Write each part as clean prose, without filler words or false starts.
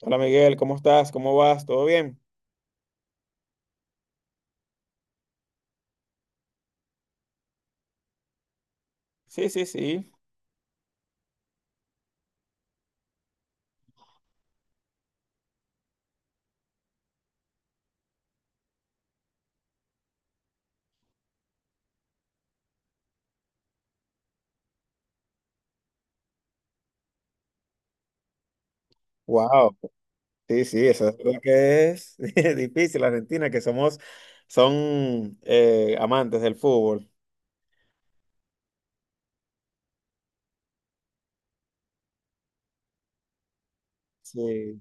Hola Miguel, ¿cómo estás? ¿Cómo vas? ¿Todo bien? Sí, sí, sí. Wow, sí, sí, eso es lo que es difícil, Argentina, que somos, son amantes del fútbol. Sí,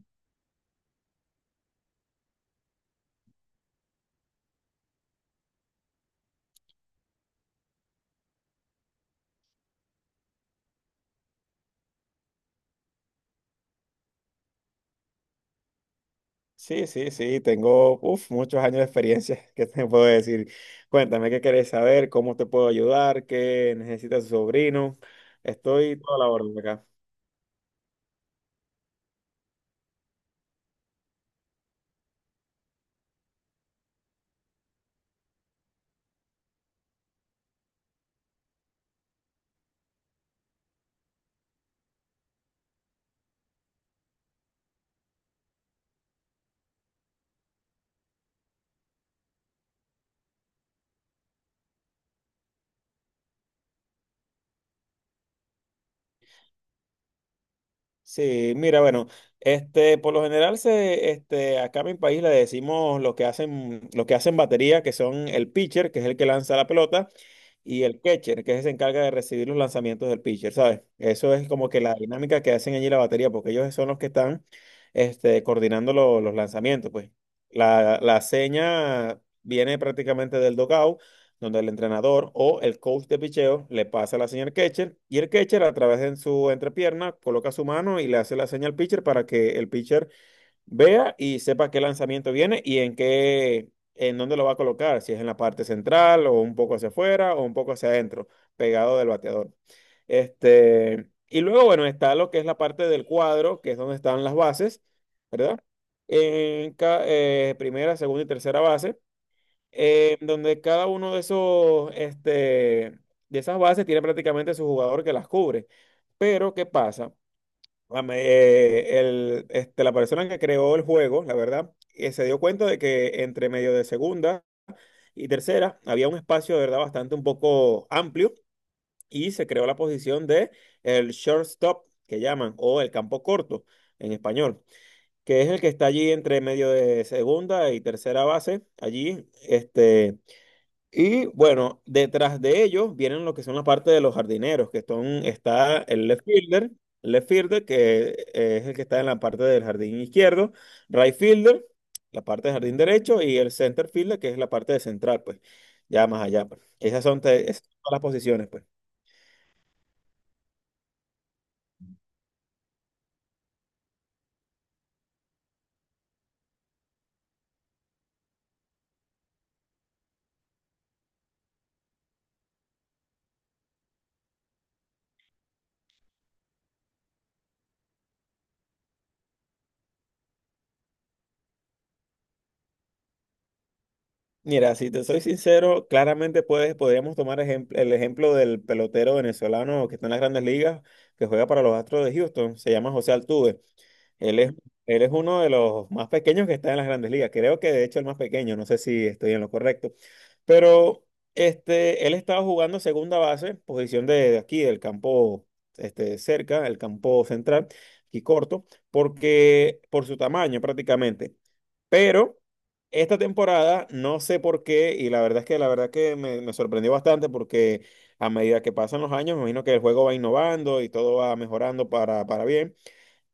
sí, sí, sí, tengo uf, muchos años de experiencia, ¿qué te puedo decir? Cuéntame qué querés saber, cómo te puedo ayudar, qué necesita tu sobrino. Estoy toda la orden acá. Sí, mira, bueno, este, por lo general se, este, acá en mi país le decimos lo que hacen batería, que son el pitcher, que es el que lanza la pelota, y el catcher, que se encarga de recibir los lanzamientos del pitcher, ¿sabes? Eso es como que la dinámica que hacen allí la batería, porque ellos son los que están, este, coordinando los lanzamientos, pues. La seña viene prácticamente del dugout donde el entrenador o el coach de picheo le pasa la señal al catcher y el catcher a través de su entrepierna coloca su mano y le hace la señal al pitcher para que el pitcher vea y sepa qué lanzamiento viene y en qué, en dónde lo va a colocar, si es en la parte central o un poco hacia afuera o un poco hacia adentro, pegado del bateador. Este, y luego, bueno, está lo que es la parte del cuadro, que es donde están las bases, ¿verdad? En primera, segunda y tercera base donde cada uno de esos, este, de esas bases tiene prácticamente su jugador que las cubre. Pero, ¿qué pasa? Este, la persona que creó el juego, la verdad, se dio cuenta de que entre medio de segunda y tercera había un espacio de verdad bastante un poco amplio y se creó la posición de el shortstop, que llaman, o el campo corto en español, que es el que está allí entre medio de segunda y tercera base, allí, este y bueno, detrás de ellos vienen lo que son la parte de los jardineros, que son, está el left fielder, que es el que está en la parte del jardín izquierdo, right fielder, la parte del jardín derecho, y el center fielder, que es la parte de central, pues, ya más allá, pues. Esas son, esas son todas las posiciones, pues. Mira, si te soy sincero, claramente podríamos tomar el ejemplo del pelotero venezolano que está en las grandes ligas, que juega para los Astros de Houston, se llama José Altuve. Él es, Él es uno de los más pequeños que está en las grandes ligas. Creo que de hecho el más pequeño, no sé si estoy en lo correcto. Pero este, él estaba jugando segunda base, posición de aquí, del campo este, cerca, el campo central, aquí corto, porque por su tamaño prácticamente. Pero esta temporada no sé por qué, y la verdad es que la verdad que me sorprendió bastante porque a medida que pasan los años, me imagino que el juego va innovando y todo va mejorando para bien.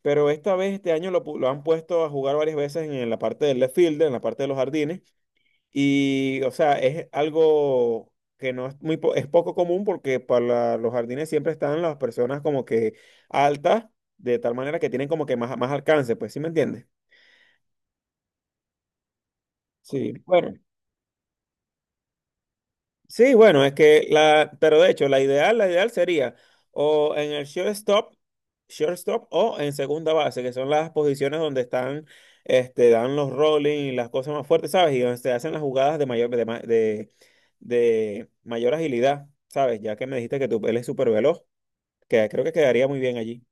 Pero esta vez, este año, lo han puesto a jugar varias veces en la parte del left field, en la parte de los jardines. Y, o sea, es algo que no es muy, es poco común porque para los jardines siempre están las personas como que altas, de tal manera que tienen como que más, más alcance, pues, ¿sí me entiendes? Sí, bueno. Sí, bueno, es que la, pero de hecho, la ideal sería o en el shortstop, shortstop o en segunda base, que son las posiciones donde están, este, dan los rolling y las cosas más fuertes, ¿sabes? Y donde se hacen las jugadas de de mayor agilidad, ¿sabes? Ya que me dijiste que tu él es súper veloz, que creo que quedaría muy bien allí.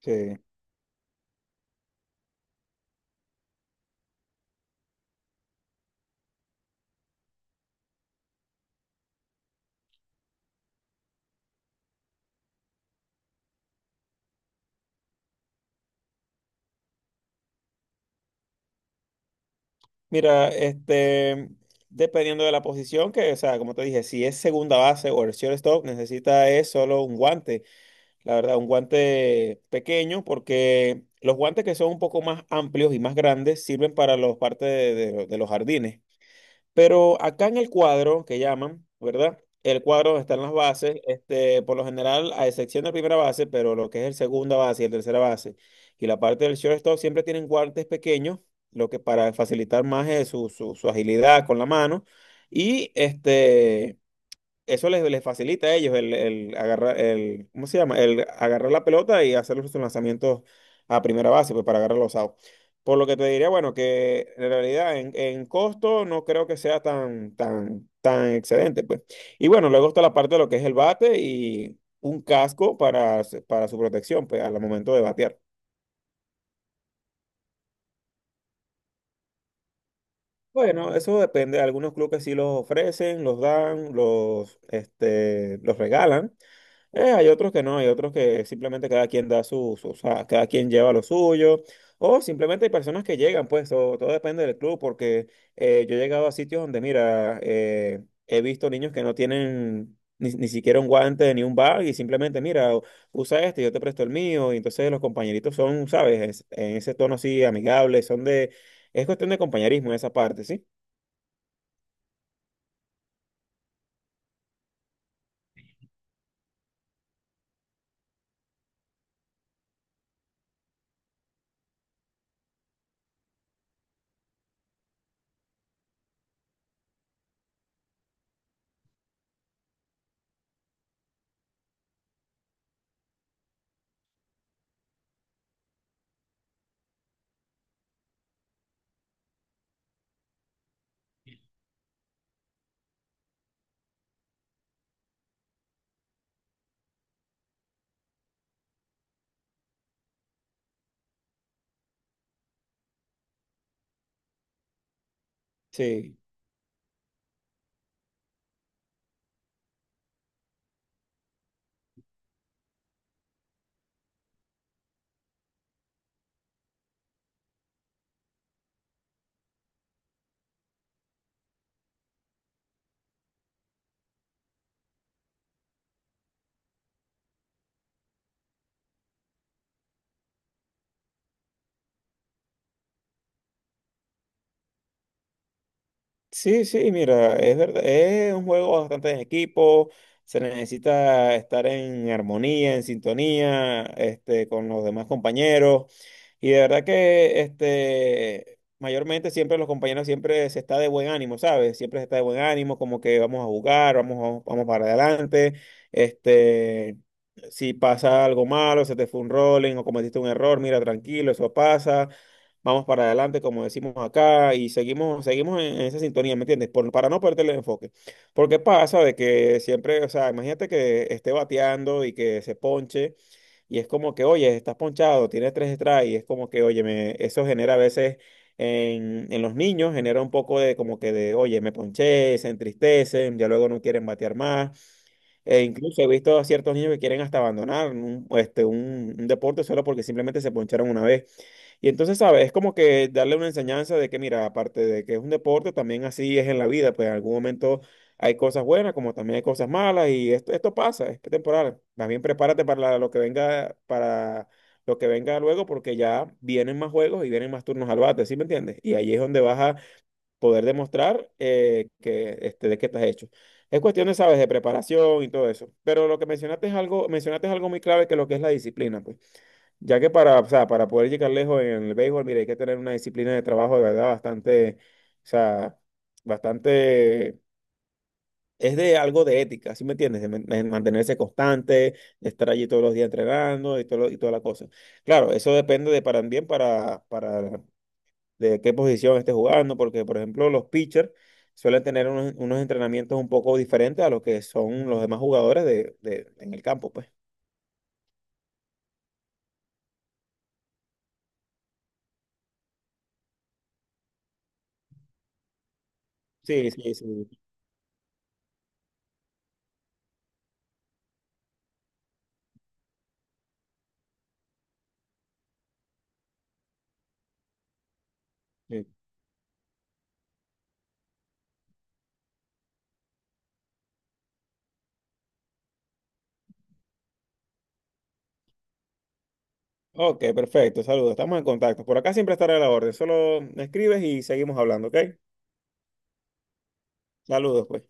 Sí. Mira, este, dependiendo de la posición, que, o sea, como te dije, si es segunda base o el shortstop, necesita es solo un guante. La verdad, un guante pequeño porque los guantes que son un poco más amplios y más grandes sirven para los partes de, de los jardines. Pero acá en el cuadro que llaman, ¿verdad? El cuadro donde están las bases, este, por lo general, a excepción de la primera base, pero lo que es el segunda base y el tercera base y la parte del shortstop siempre tienen guantes pequeños, lo que para facilitar más es su agilidad con la mano y este eso les facilita a ellos el agarrar, el, ¿cómo se llama? El agarrar la pelota y hacer los lanzamientos a primera base, pues para agarrar los outs. Por lo que te diría, bueno, que en realidad en costo no creo que sea tan excedente, pues. Y bueno, luego está la parte de lo que es el bate y un casco para, para su protección, pues, al momento de batear. Bueno, eso depende. Algunos clubes sí los ofrecen, los dan, los, este, los regalan. Hay otros que no, hay otros que simplemente cada quien da o sea, cada quien lleva lo suyo, o simplemente hay personas que llegan, pues, o todo depende del club, porque yo he llegado a sitios donde, mira, he visto niños que no tienen ni siquiera un guante ni un bag y simplemente, mira, usa este, yo te presto el mío, y entonces los compañeritos son, ¿sabes? En ese tono así amigable, son de, es cuestión de compañerismo en esa parte, ¿sí? Sí. Sí, sí, mira, es verdad, es un juego bastante en equipo, se necesita estar en armonía, en sintonía, este, con los demás compañeros, y de verdad que, este, mayormente siempre los compañeros siempre se está de buen ánimo, ¿sabes? Siempre se está de buen ánimo, como que vamos a jugar, vamos, vamos, vamos para adelante, este, si pasa algo malo, se te fue un rolling o cometiste un error, mira, tranquilo, eso pasa vamos para adelante, como decimos acá, y seguimos, seguimos en esa sintonía, ¿me entiendes? Por, para no perder el enfoque. Porque pasa de que siempre, o sea, imagínate que esté bateando y que se ponche, y es como que, oye, estás ponchado, tienes tres strikes, y es como que, oye, me, eso genera a veces en los niños, genera un poco de como que de, oye, me ponché, se entristecen, ya luego no quieren batear más. E incluso he visto a ciertos niños que quieren hasta abandonar un, este, un deporte solo porque simplemente se poncharon una vez. Y entonces, ¿sabes? Es como que darle una enseñanza de que, mira, aparte de que es un deporte, también así es en la vida, pues en algún momento hay cosas buenas como también hay cosas malas y esto pasa, es temporal. Más bien prepárate para lo que venga, para lo que venga luego porque ya vienen más juegos y vienen más turnos al bate, ¿sí me entiendes? Y ahí es donde vas a poder demostrar que, este, de qué estás hecho. Es cuestión de, ¿sabes? De preparación y todo eso. Pero lo que mencionaste es algo muy clave que lo que es la disciplina, pues. Ya que para, o sea, para poder llegar lejos en el béisbol, mira, hay que tener una disciplina de trabajo de verdad bastante, o sea, bastante, es de algo de ética, ¿sí me entiendes? De, de mantenerse constante, de estar allí todos los días entrenando y, todo, y toda la cosa. Claro, eso depende de para bien para de qué posición estés jugando, porque por ejemplo los pitchers suelen tener unos entrenamientos un poco diferentes a los que son los demás jugadores de, en el campo, pues. Sí, sí, sí. Ok, perfecto. Saludos. Estamos en contacto. Por acá siempre estaré a la orden. Solo me escribes y seguimos hablando, ¿ok? Saludos, pues.